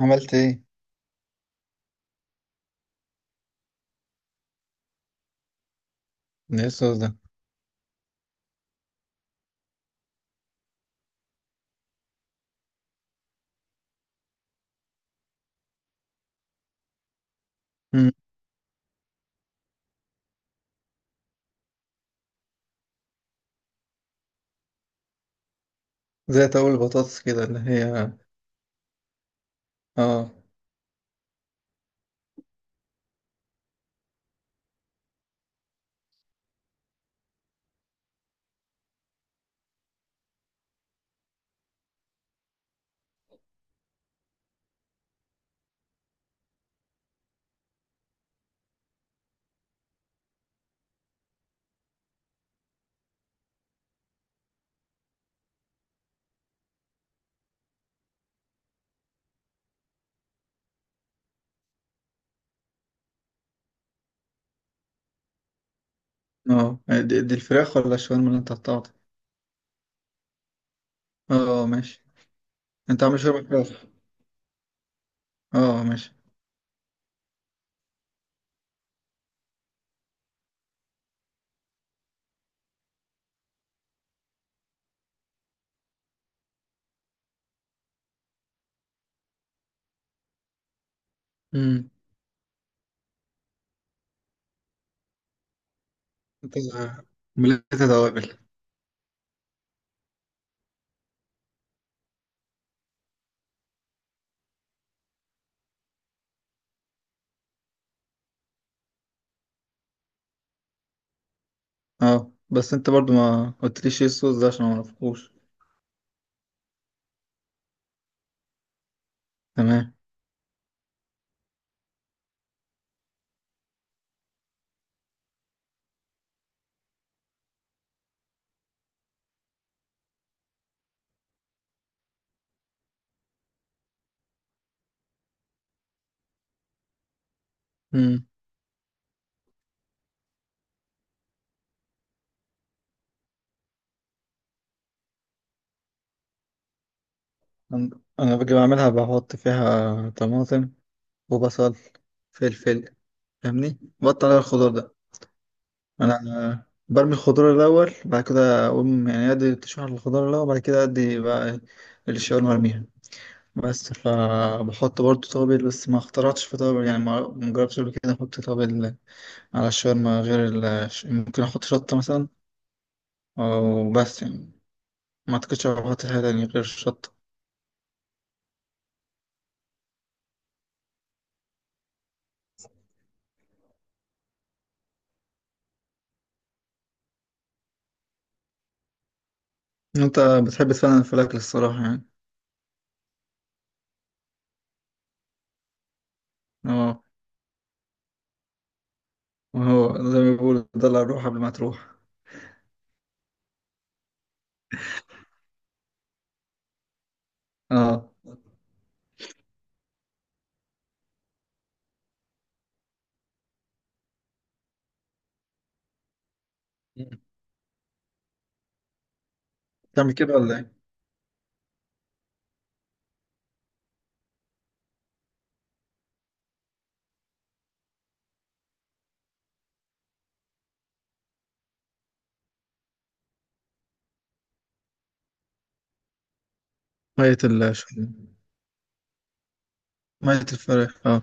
عملت ايه؟ ده ايه الصوص ده؟ مم. زي طاول البطاطس كده اللي هي. اه. اه دي الفراخ ولا الشاورما اللي انت قطعتها؟ اه، ماشي. انت عامل شاورما فراخ. اه، ماشي. امم. انت مليت توابل. اه، بس انت برضو ما قلتليش ايه الصوص ده عشان ما اعرفهوش. تمام. امم. انا باجي بعملها بحط فيها طماطم وبصل فلفل، فاهمني؟ بقطع الخضار ده. انا برمي الخضار الاول، بعد كده اقوم يعني ادي تشويح الخضار الاول، بعد كده ادي بقى ايه الشاورما ارميها. بس فبحط برضو توابل، بس ما اخترعتش في توابل، يعني ما جربتش قبل كده احط توابل على الشاورما غير ال... ممكن احط شطه مثلا، او بس يعني ما اعتقدش احط حاجه تانية غير الشطه. انت بتحب تفنن في الاكل الصراحه يعني. اه. وهو زي ما بيقولوا، دلع الروح قبل ما تروح. اه. مم. تعمل كده ولا ايه؟ مية الشاورما. مية الفراخ، اه.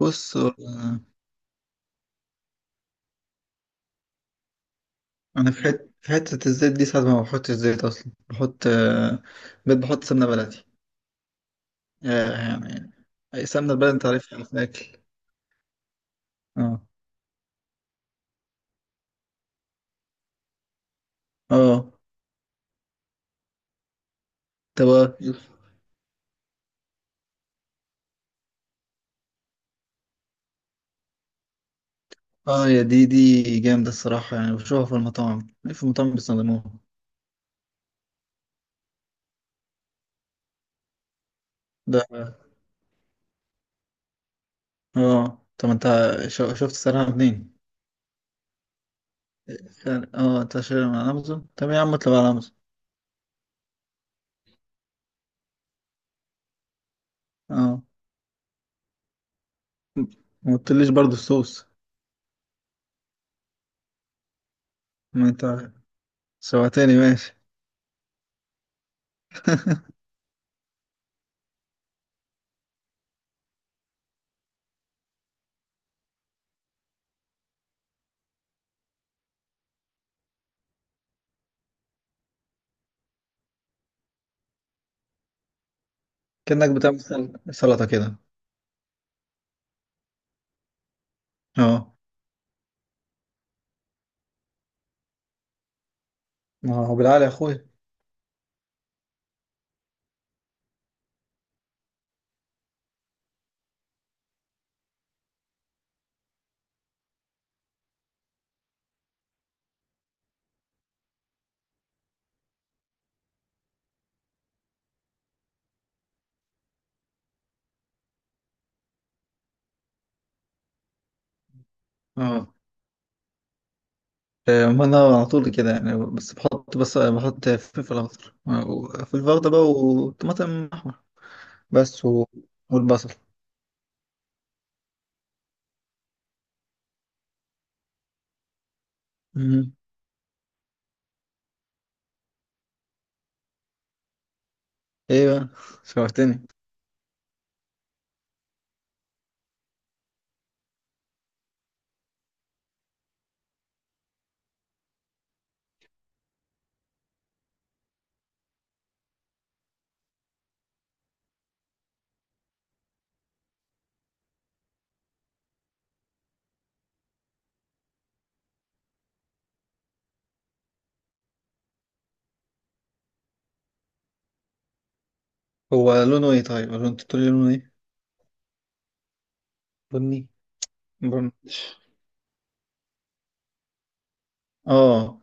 بص هو، انا في حته، في حته الزيت دي ساعات ما بحطش زيت اصلا، بحط بقيت بحط سمنه بلدي. آه، يعني اي سمنه بلدي انت عارفها في الاكل. اه. اه. تبقى. اه. يا دي دي جامده الصراحه، يعني بشوفها في المطاعم، في المطاعم بيستخدموها. ده. اه طب انت شفت سعرها منين؟ اه انت شاريها من امازون، طب يا عم اطلب على امازون. اه. ما قلتليش برضو الصوص. ما انت سوعتني، ماشي. كأنك بتعمل سلطه كده. اه. اه هو بالعقل يا اخويا. اه. ما انا على طول كده يعني، بس بحط، بس بحط فلفل اخضر، فلفل اخضر بقى وطماطم احمر بس و... والبصل. مم. ايه بقى؟ شوقتني. هو لونه ايه طيب، ولا انت تقول لي لونه ايه؟ بني. بني. اه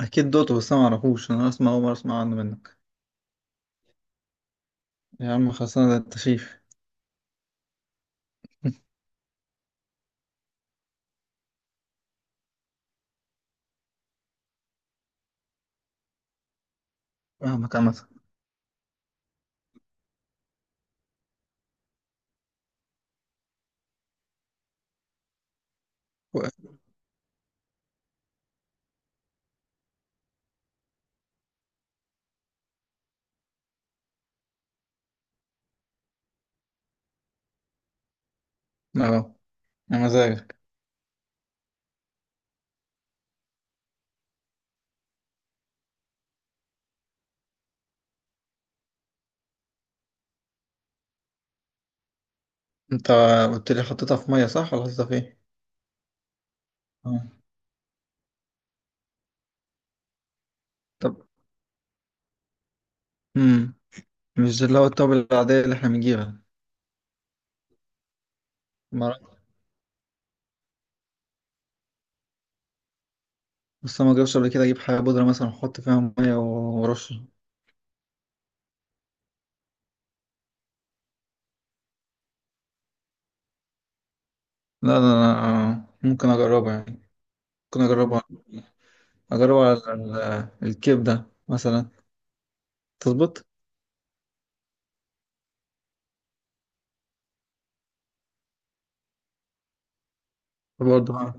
اكيد دوته، بس انا معرفوش، انا اسمع اول مره اسمع عنه منك. يا عم خلصنا، ده التشيف. فاهمك عامة. و- اه. يا مزاجك. انت قلت لي حطيتها في ميه صح، ولا حطيتها في ايه؟ اه. طب. مم. مش اللي هو التوابل العادية اللي احنا بنجيبها؟ ما بس أنا ما جربش قبل كده اجيب حاجة بودرة مثلا احط فيها مية ورش. لا لا. ممكن اجربها يعني. ممكن اجربها، اجربها على ال- الكبدة مثلا. تظبط. برضه.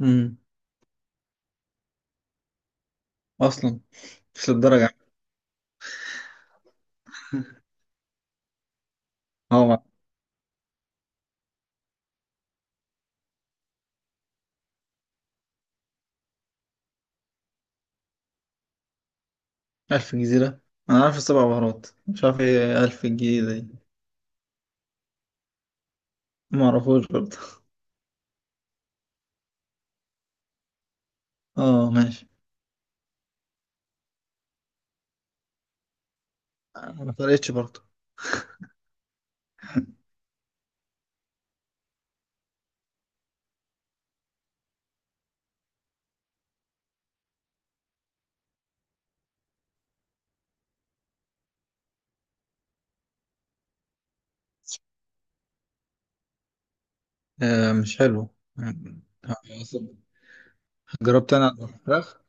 امم. اصلا. مش للدرجة يعني. هو مع. ألف جزيرة. انا عارف السبع بهارات، مش عارف ايه ألف جزيرة دي. ما اعرفوش برضه. اه ماشي. ما فرقتش برضه. آه مش حلو. آه، جربت انا الفراخ.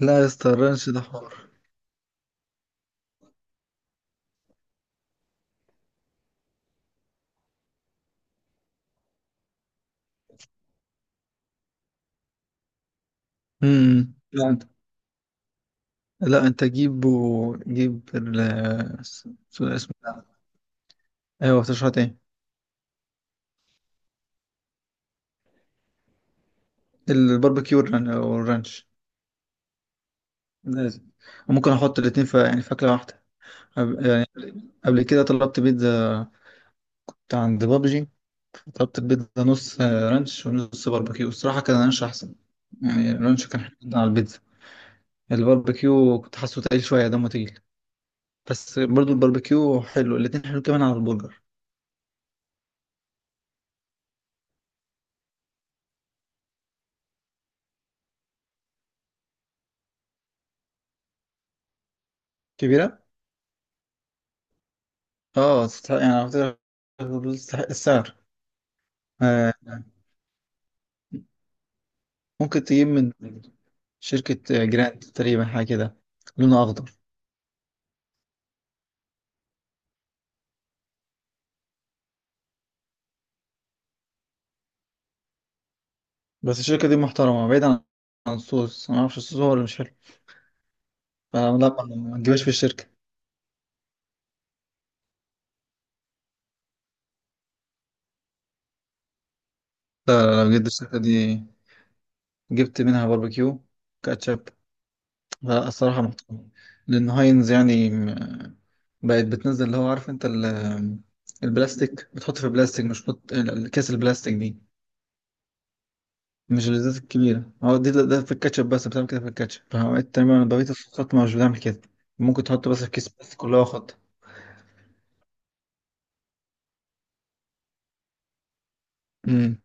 لا يا اسطى الرانش ده حوار. امم. لا انت. لا انت جيبه، جيب وجيب ال اس- اسمه ده. ايوه تشرحت ايه؟ الباربيكيو والرانش. لازم. ممكن احط الاتنين في يعني فاكهه واحده. يعني قبل كده طلبت بيتزا بتاع عند بابجي، طلبت البيتزا نص رانش ونص باربيكيو، الصراحه كان رانش احسن. يعني الرانش كان حلو جدا على البيتزا. الباربيكيو كنت حاسه تقيل شويه، دمه تقيل. بس برضو الباربيكيو حلو، الاتنين حلو كمان على البرجر. كبيره. اه يعني على فكرة تستحق السعر. آه، ممكن تجيب من شركة جراند تقريبا حاجة كده، لونه أخضر. بس الشركة دي محترمة، بعيدا عن عن الصوص. أنا معرفش الصوص هو اللي مش حلو. فلا ما تجيبهاش في الشركة. لا لو جبت الشركة دي، جبت منها باربيكيو، كاتشب، لا الصراحة محترمة. لأن هاينز يعني م- بقت بتنزل، اللي هو عارف أنت ال- البلاستيك، بتحط في بلاستيك، مش بتحط ال- الكيس البلاستيك دي. مش الازازة الكبيرة، هو دي ده في الكاتشب بس بتعمل كده، في الكاتشب فعملت تماما، بقية الصوصات مش بتعمل كده. ممكن تحط بس في كيس، بس كلها خط. امم.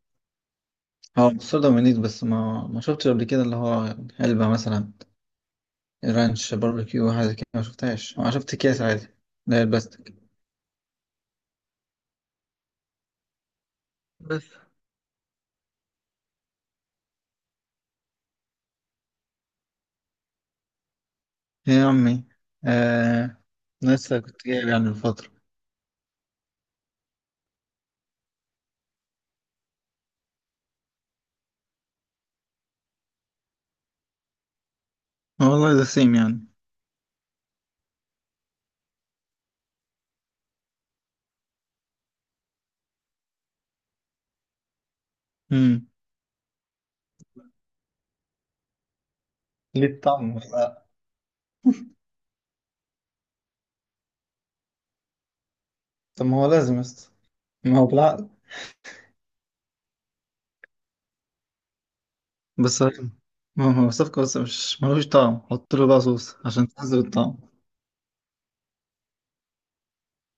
هو مستورد ومنيت، بس ما شفتش قبل كده اللي هو علبة مثلا رانش باربيكيو حاجة كده، ما شفتهاش. أنا شفت أكياس عادي اللي هي البلاستيك. بس. يا عمي. آه. لسه كنت جايب يعني من فترة. آه والله ده سيم يعني. امم. ليه الطعم، بالعقل. طب ما هو لازم يسطا، ما هو بالعقل. بس ما هو صفقة، بس مش ملوش طعم، حط له بقى صوص عشان تنزل الطعم.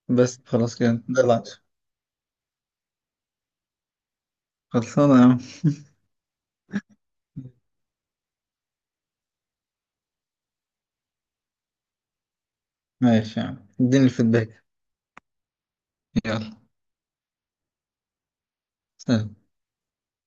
بس خلاص كده ده العشاء. خلصانة يا عم. ماشي يا عم، اديني الفيدباك. يلا. سلام.